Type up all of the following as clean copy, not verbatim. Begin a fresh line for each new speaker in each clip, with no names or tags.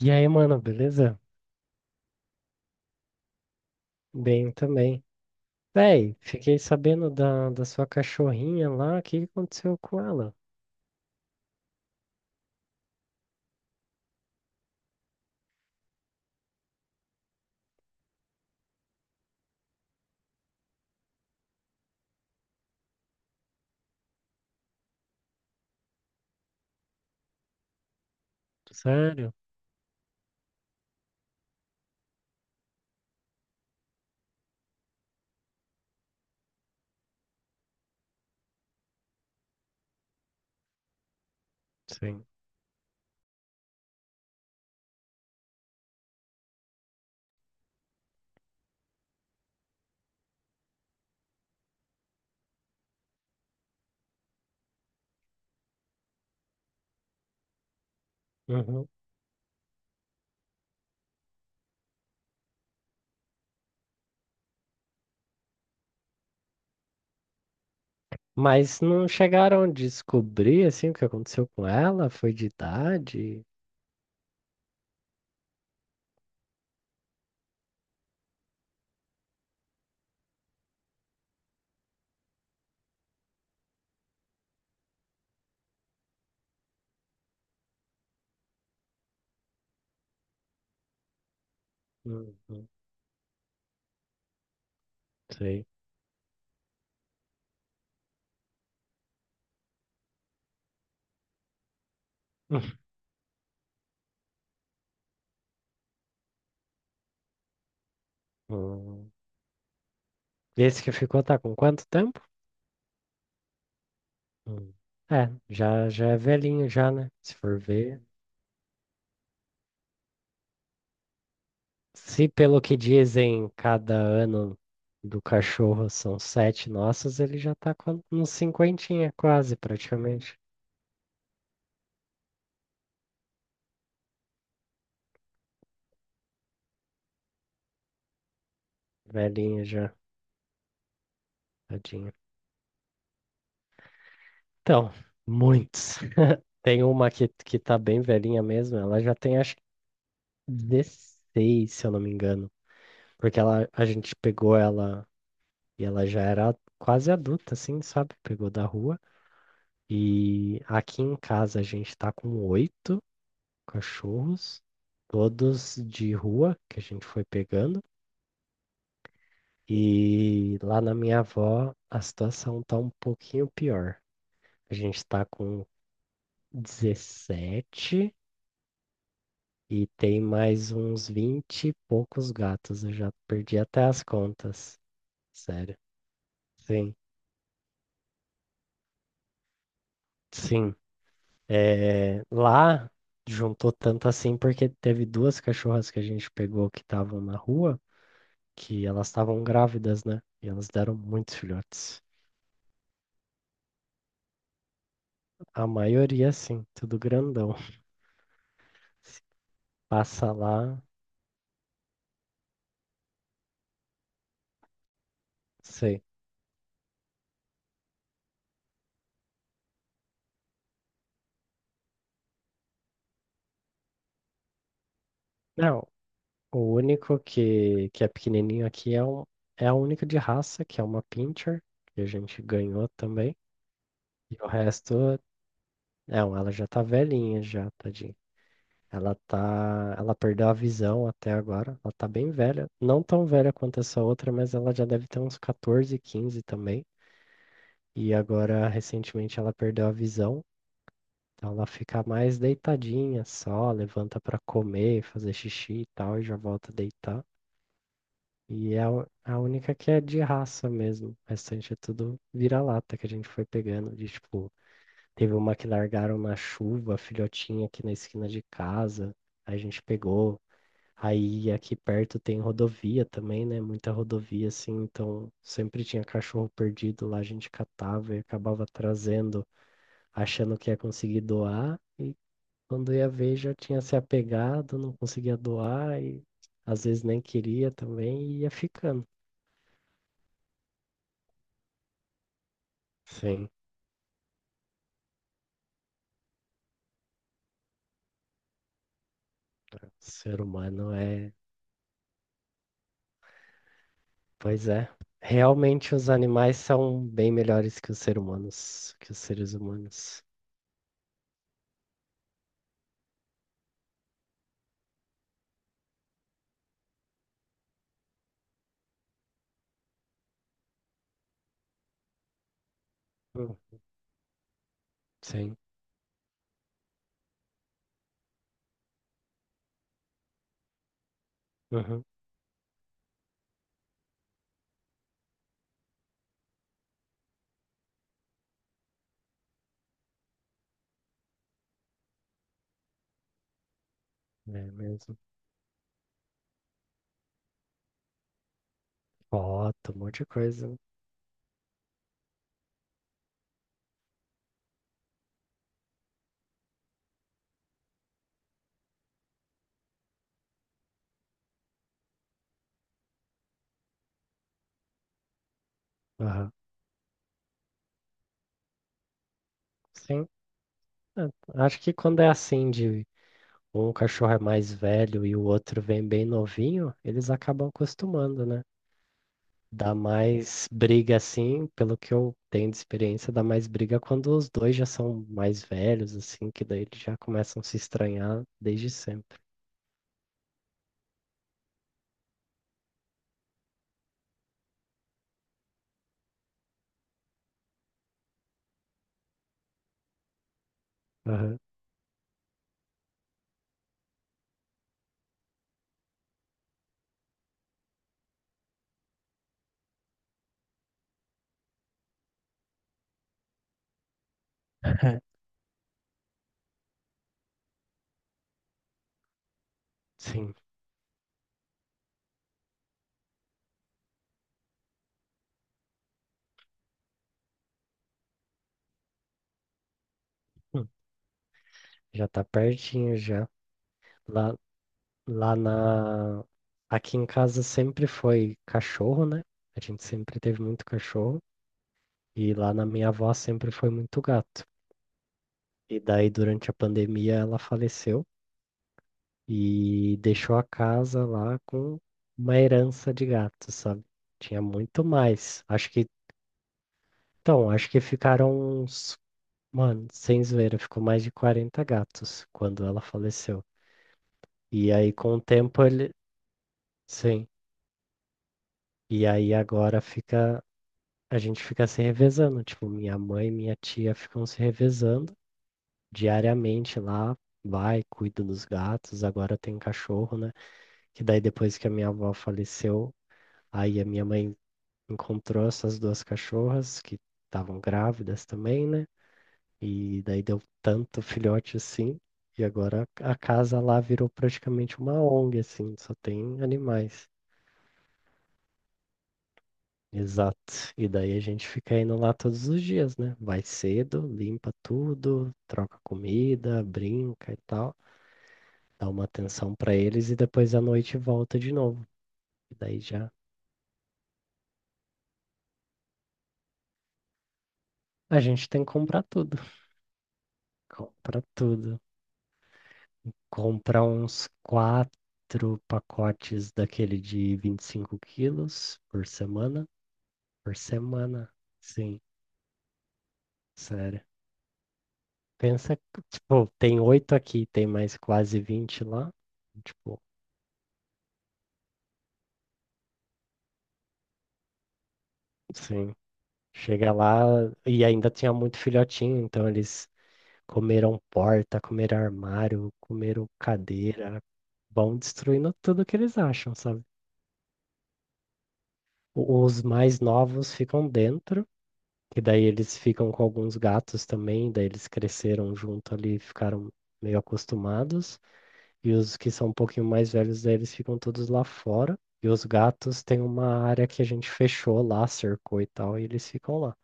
E aí, mano, beleza? Bem também. Véi, fiquei sabendo da sua cachorrinha lá. O que que aconteceu com ela? Sério? Sim. Uhum. Mas não chegaram a descobrir, assim, o que aconteceu com ela? Foi de idade? Uhum. Sei. Hum. Esse que ficou tá com quanto tempo? Hum. É, já é velhinho já, né? Se for ver. Se pelo que dizem, cada ano do cachorro são sete nossas, ele já tá com uns cinquentinha quase, praticamente. Velhinha já, tadinha. Então, muitos. Tem uma que tá bem velhinha mesmo, ela já tem acho que 16, se eu não me engano. Porque ela, a gente pegou ela e ela já era quase adulta, assim, sabe? Pegou da rua. E aqui em casa a gente tá com oito cachorros, todos de rua que a gente foi pegando. E lá na minha avó a situação tá um pouquinho pior. A gente tá com 17 e tem mais uns 20 e poucos gatos. Eu já perdi até as contas. Sério. Sim, sim. É, lá juntou tanto assim porque teve duas cachorras que a gente pegou que estavam na rua, que elas estavam grávidas, né? E elas deram muitos filhotes. A maioria, sim, tudo grandão. Passa lá, sei. Não, o único que é pequenininho aqui é o único de raça, que é uma pincher, que a gente ganhou também. E o resto, não, ela já tá velhinha já, tadinha. Ela perdeu a visão até agora, ela tá bem velha. Não tão velha quanto essa outra, mas ela já deve ter uns 14, 15 também. E agora, recentemente, ela perdeu a visão. Então ela fica mais deitadinha só, levanta pra comer, fazer xixi e tal, e já volta a deitar. E é a única que é de raça mesmo. O restante é tudo vira-lata que a gente foi pegando. De, tipo, teve uma que largaram na chuva, a filhotinha aqui na esquina de casa. Aí a gente pegou. Aí aqui perto tem rodovia também, né? Muita rodovia, assim. Então sempre tinha cachorro perdido lá, a gente catava e acabava trazendo, achando que ia conseguir doar. E quando ia ver, já tinha se apegado, não conseguia doar e às vezes nem queria também e ia ficando. Sim, o ser humano é. Pois é. Realmente os animais são bem melhores que os seres humanos. Hum, sim. Uhum. É mesmo. Foto, um monte de coisa, né? Aham. Sim. É, acho que quando é assim, de um cachorro é mais velho e o outro vem bem novinho, eles acabam acostumando, né? Dá mais briga assim, pelo que eu tenho de experiência, dá mais briga quando os dois já são mais velhos, assim, que daí eles já começam a se estranhar desde sempre. Aham. Sim. Hum. Já tá pertinho já. Lá, lá na. Aqui em casa sempre foi cachorro, né? A gente sempre teve muito cachorro. E lá na minha avó sempre foi muito gato. E daí, durante a pandemia, ela faleceu. E deixou a casa lá com uma herança de gato, sabe? Tinha muito mais. Então, acho que ficaram uns, mano, sem zoeira, ficou mais de 40 gatos quando ela faleceu. E aí, com o tempo, ele, sim. E aí, agora fica, a gente fica se revezando. Tipo, minha mãe e minha tia ficam se revezando diariamente lá. Vai, cuida dos gatos. Agora tem cachorro, né? Que daí, depois que a minha avó faleceu, aí a minha mãe encontrou essas duas cachorras que estavam grávidas também, né? E daí deu tanto filhote assim, e agora a casa lá virou praticamente uma ONG, assim, só tem animais. Exato. E daí a gente fica indo lá todos os dias, né? Vai cedo, limpa tudo, troca comida, brinca e tal, dá uma atenção pra eles e depois à noite volta de novo. E daí já a gente tem que comprar tudo. Compra tudo. Comprar uns quatro pacotes daquele de 25 quilos por semana. Por semana, sim, sério. Pensa, que, tipo, tem oito aqui, tem mais quase 20 lá. Tipo, sim. Chega lá e ainda tinha muito filhotinho, então eles comeram porta, comeram armário, comeram cadeira, vão destruindo tudo que eles acham, sabe? Os mais novos ficam dentro. Que daí eles ficam com alguns gatos também, daí eles cresceram junto ali, ficaram meio acostumados. E os que são um pouquinho mais velhos, daí eles ficam todos lá fora. E os gatos têm uma área que a gente fechou lá, cercou e tal, e eles ficam lá.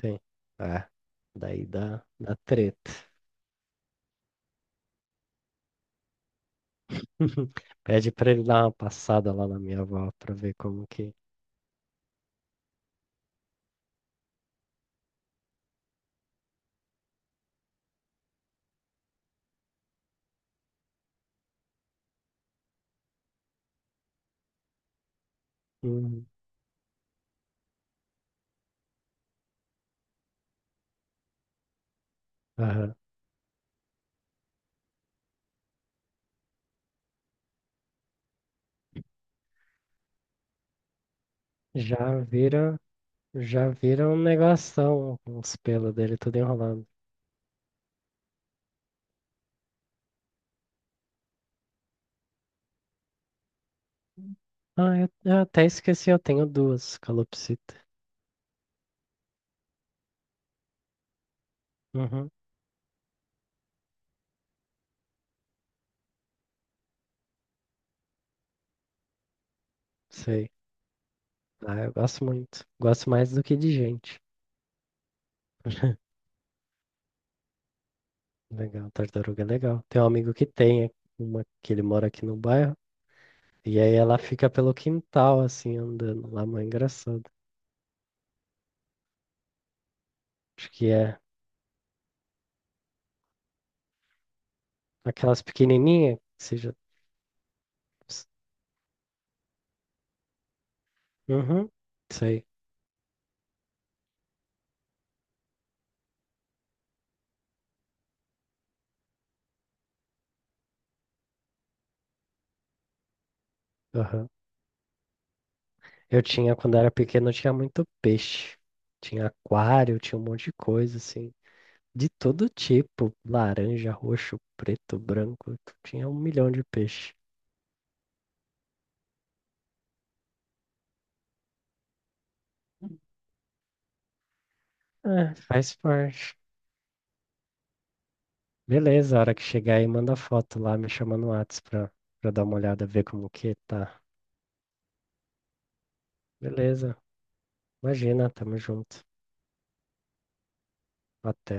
Sim. É. Daí dá treta. Pede pra ele dar uma passada lá na minha avó pra ver como que. Uhum. Aham. Já vira, já vira um negoção, os pelos dele tudo enrolado. Ah, eu até esqueci, eu tenho duas calopsita. Uhum, sei. Ah, eu gosto muito. Gosto mais do que de gente. Legal, tartaruga é legal. Tem um amigo que tem é uma que ele mora aqui no bairro. E aí ela fica pelo quintal, assim, andando lá, mãe engraçado. Acho que é aquelas pequenininhas, que seja. Uhum, sei. Aham. Eu tinha, quando era pequeno, eu tinha muito peixe. Tinha aquário, tinha um monte de coisa, assim. De todo tipo, laranja, roxo, preto, branco, tinha um milhão de peixe. É, faz parte. Beleza, a hora que chegar aí, manda foto lá, me chama no Whats pra, dar uma olhada, ver como que tá. Beleza, imagina, tamo junto. Até.